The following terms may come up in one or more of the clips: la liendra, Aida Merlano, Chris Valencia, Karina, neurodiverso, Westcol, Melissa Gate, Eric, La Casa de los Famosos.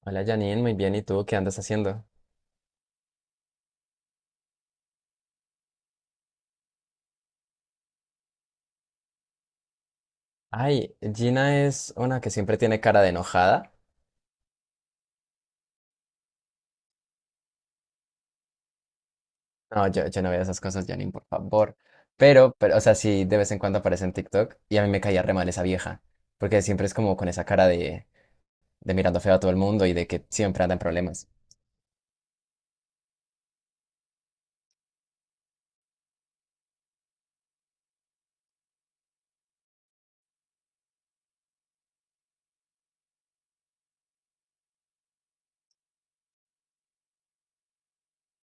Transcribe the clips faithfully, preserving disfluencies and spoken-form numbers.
Hola Janine, muy bien. ¿Y tú qué andas haciendo? Ay, Gina es una que siempre tiene cara de enojada. No, yo, yo no veo esas cosas, Janine, por favor. Pero, pero, o sea, sí, de vez en cuando aparece en TikTok y a mí me caía re mal esa vieja. Porque siempre es como con esa cara de, de mirando feo a todo el mundo y de que siempre anda en problemas.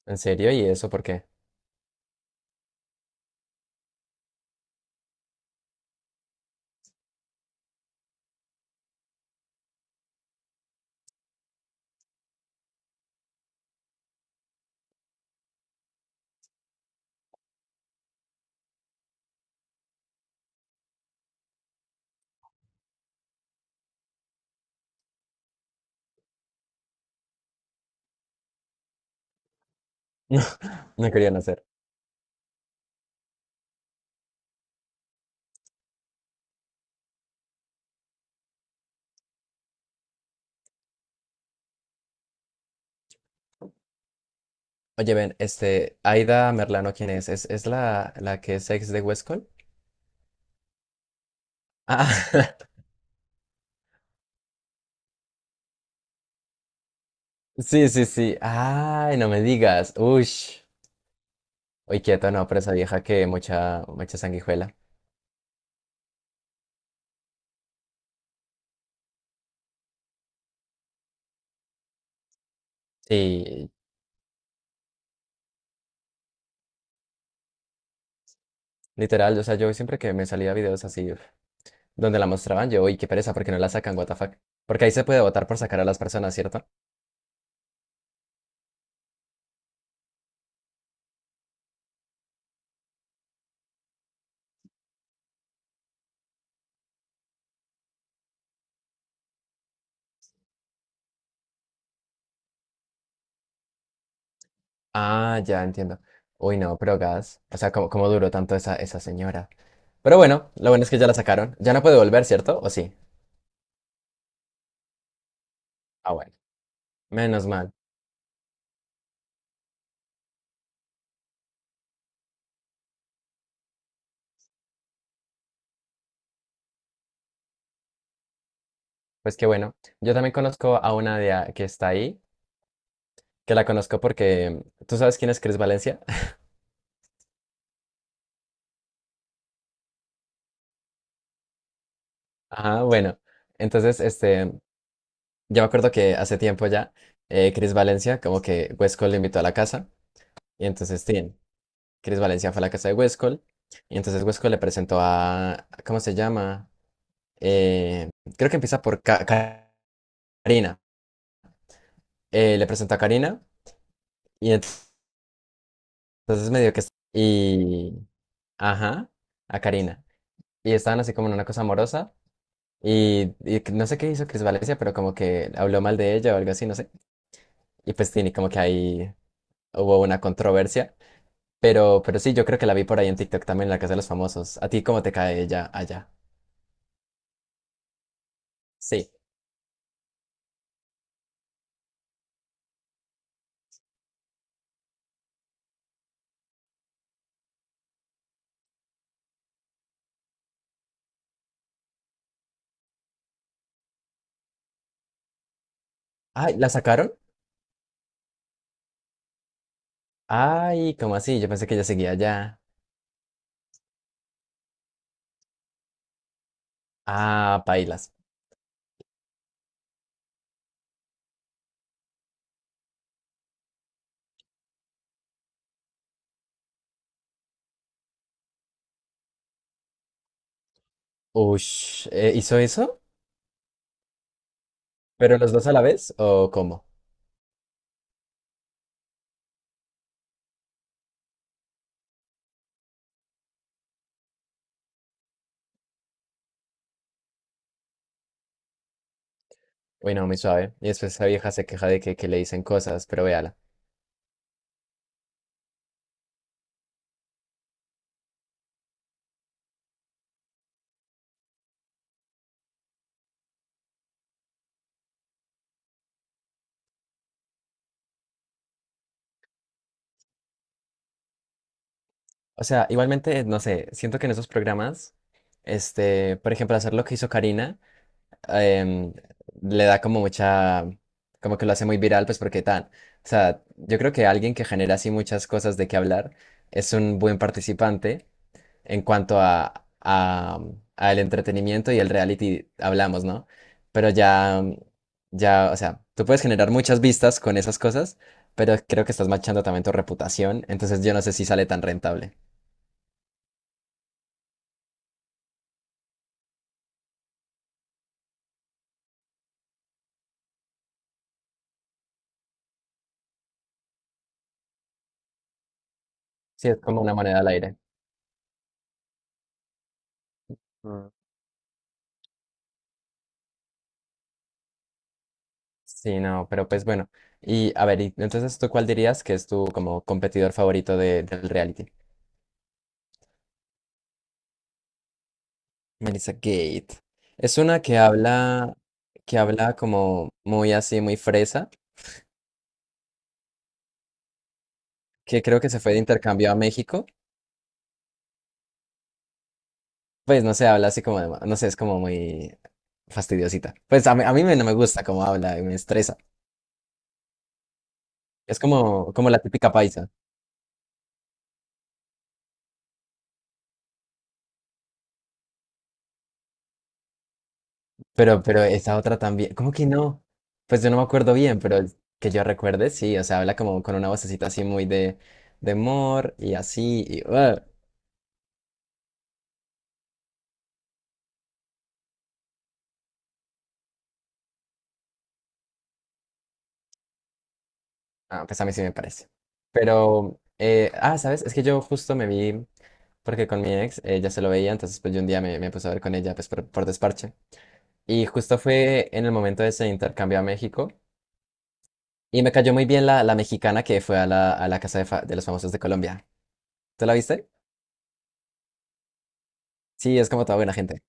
¿En serio? ¿Y eso por qué? No, no querían hacer. Oye, ven, este, Aida Merlano, ¿quién es? ¿Es, es la, la que es ex de Westcol? Ah, sí, sí, sí. Ay, no me digas. Ush. Uy, quieto, no, pero esa vieja que mucha, mucha sanguijuela. Y literal, o sea, yo siempre que me salía videos así uf, donde la mostraban, yo, uy, qué pereza, porque no la sacan, what the fuck. Porque ahí se puede votar por sacar a las personas, ¿cierto? Ah, ya entiendo. Uy, no, pero gas. O sea, ¿cómo, cómo duró tanto esa, esa señora? Pero bueno, lo bueno es que ya la sacaron. Ya no puede volver, ¿cierto? ¿O sí? Ah, bueno. Menos mal. Pues qué bueno. Yo también conozco a una de a- que está ahí, que la conozco porque. ¿Tú sabes quién es Chris Valencia? Ah, bueno. Entonces, este. Yo me acuerdo que hace tiempo ya, eh, Chris Valencia, como que Westcol le invitó a la casa, y entonces, Tin, Chris Valencia fue a la casa de Westcol, y entonces Westcol le presentó a, ¿cómo se llama? Eh, creo que empieza por Ka- Ka- Karina. Eh, le presentó a Karina, y ent- entonces medio que... Y... Ajá, a Karina. Y estaban así como en una cosa amorosa, y, y no sé qué hizo Chris Valencia, pero como que habló mal de ella o algo así, no sé. Y pues Tini, como que ahí hubo una controversia. Pero, pero sí, yo creo que la vi por ahí en TikTok también, La Casa de los Famosos. ¿A ti cómo te cae ella allá? Sí. Ay, ¿la sacaron? Ay, ¿cómo así? Yo pensé que ella seguía allá. Ah, pailas. Ush, eh, ¿hizo eso? ¿Pero los dos a la vez? ¿O cómo? Uy, no, muy suave. Y después esa vieja se queja de que, que le dicen cosas, pero véala. O sea, igualmente, no sé, siento que en esos programas, este, por ejemplo, hacer lo que hizo Karina. em, Le da como mucha, como que lo hace muy viral, pues porque tan, o sea, yo creo que alguien que genera así muchas cosas de qué hablar es un buen participante en cuanto a, a, a el entretenimiento y el reality hablamos, ¿no? Pero ya, ya, o sea, tú puedes generar muchas vistas con esas cosas, pero creo que estás manchando también tu reputación, entonces yo no sé si sale tan rentable. Sí, es como una moneda al aire. Sí, no, pero pues bueno. Y a ver, y entonces tú cuál dirías que es tu como competidor favorito de- del reality? Melissa Gate. Es una que habla, que habla como muy así, muy fresa, que creo que se fue de intercambio a México. Pues no sé, habla así como de, no sé, es como muy fastidiosita. Pues a mí, a mí me- no me gusta cómo habla, me estresa. Es como, como la típica paisa. Pero, pero esa otra también, ¿cómo que no? Pues yo no me acuerdo bien, pero el que yo recuerde, sí, o sea, habla como con una vocecita así muy de, de amor y así, y ¡ah! Ah, pues a mí sí me parece. Pero, eh, ah, ¿sabes? Es que yo justo me vi, porque con mi ex ella se lo veía, entonces pues yo un día me, me puse a ver con ella, pues por, por desparche. Y justo fue en el momento de ese intercambio a México, y me cayó muy bien la, la mexicana que fue a la, a la casa de, fa- de los famosos de Colombia. ¿Tú la viste? Sí, es como toda buena gente.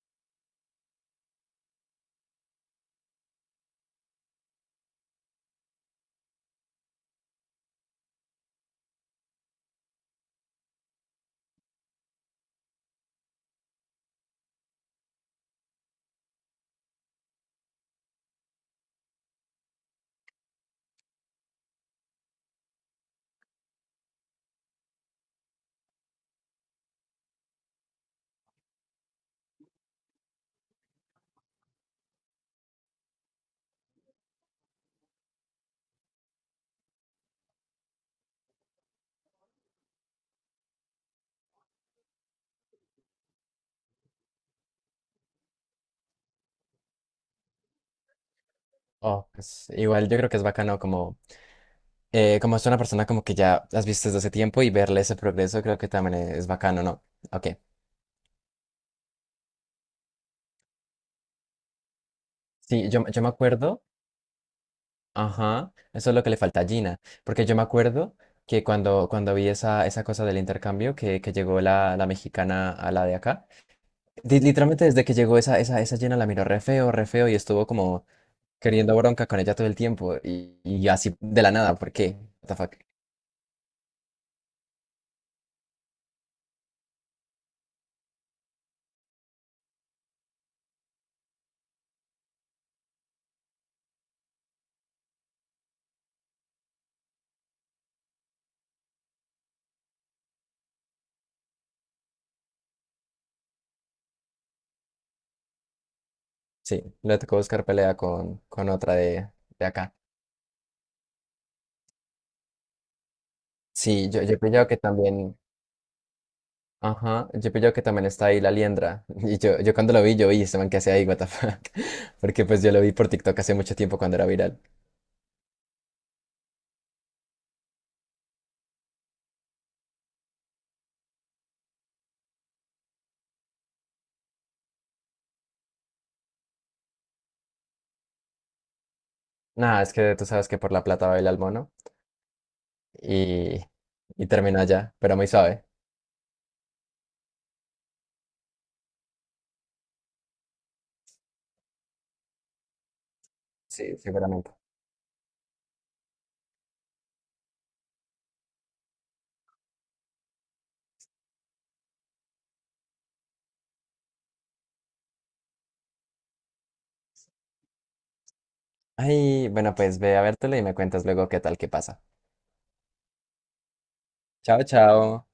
Oh, pues igual yo creo que es bacano como, eh, como es una persona como que ya has visto desde hace tiempo y verle ese progreso creo que también es bacano, ¿no? Ok. Sí, yo, yo me acuerdo, ajá, eso es lo que le falta a Gina, porque yo me acuerdo que cuando, cuando vi esa, esa cosa del intercambio que, que llegó la, la mexicana a la de acá, li- literalmente desde que llegó esa, esa, esa Gina la miró re feo, re feo y estuvo como queriendo bronca con ella todo el tiempo y, y así de la nada, ¿por qué? What the fuck? Sí, le tocó buscar pelea con, con otra de, de acá. Sí, yo, yo he pillado que también. Ajá, yo he pillado que también está ahí la liendra. Y yo, yo cuando lo vi, yo vi este man que hace ahí, what the fuck. Porque pues yo lo vi por TikTok hace mucho tiempo cuando era viral. Nada, es que tú sabes que por la plata baila el mono. Y, y terminó allá, pero muy suave. Sí, seguramente. Ay, bueno, pues ve a vértelo y me cuentas luego qué tal, qué pasa. Chao, chao.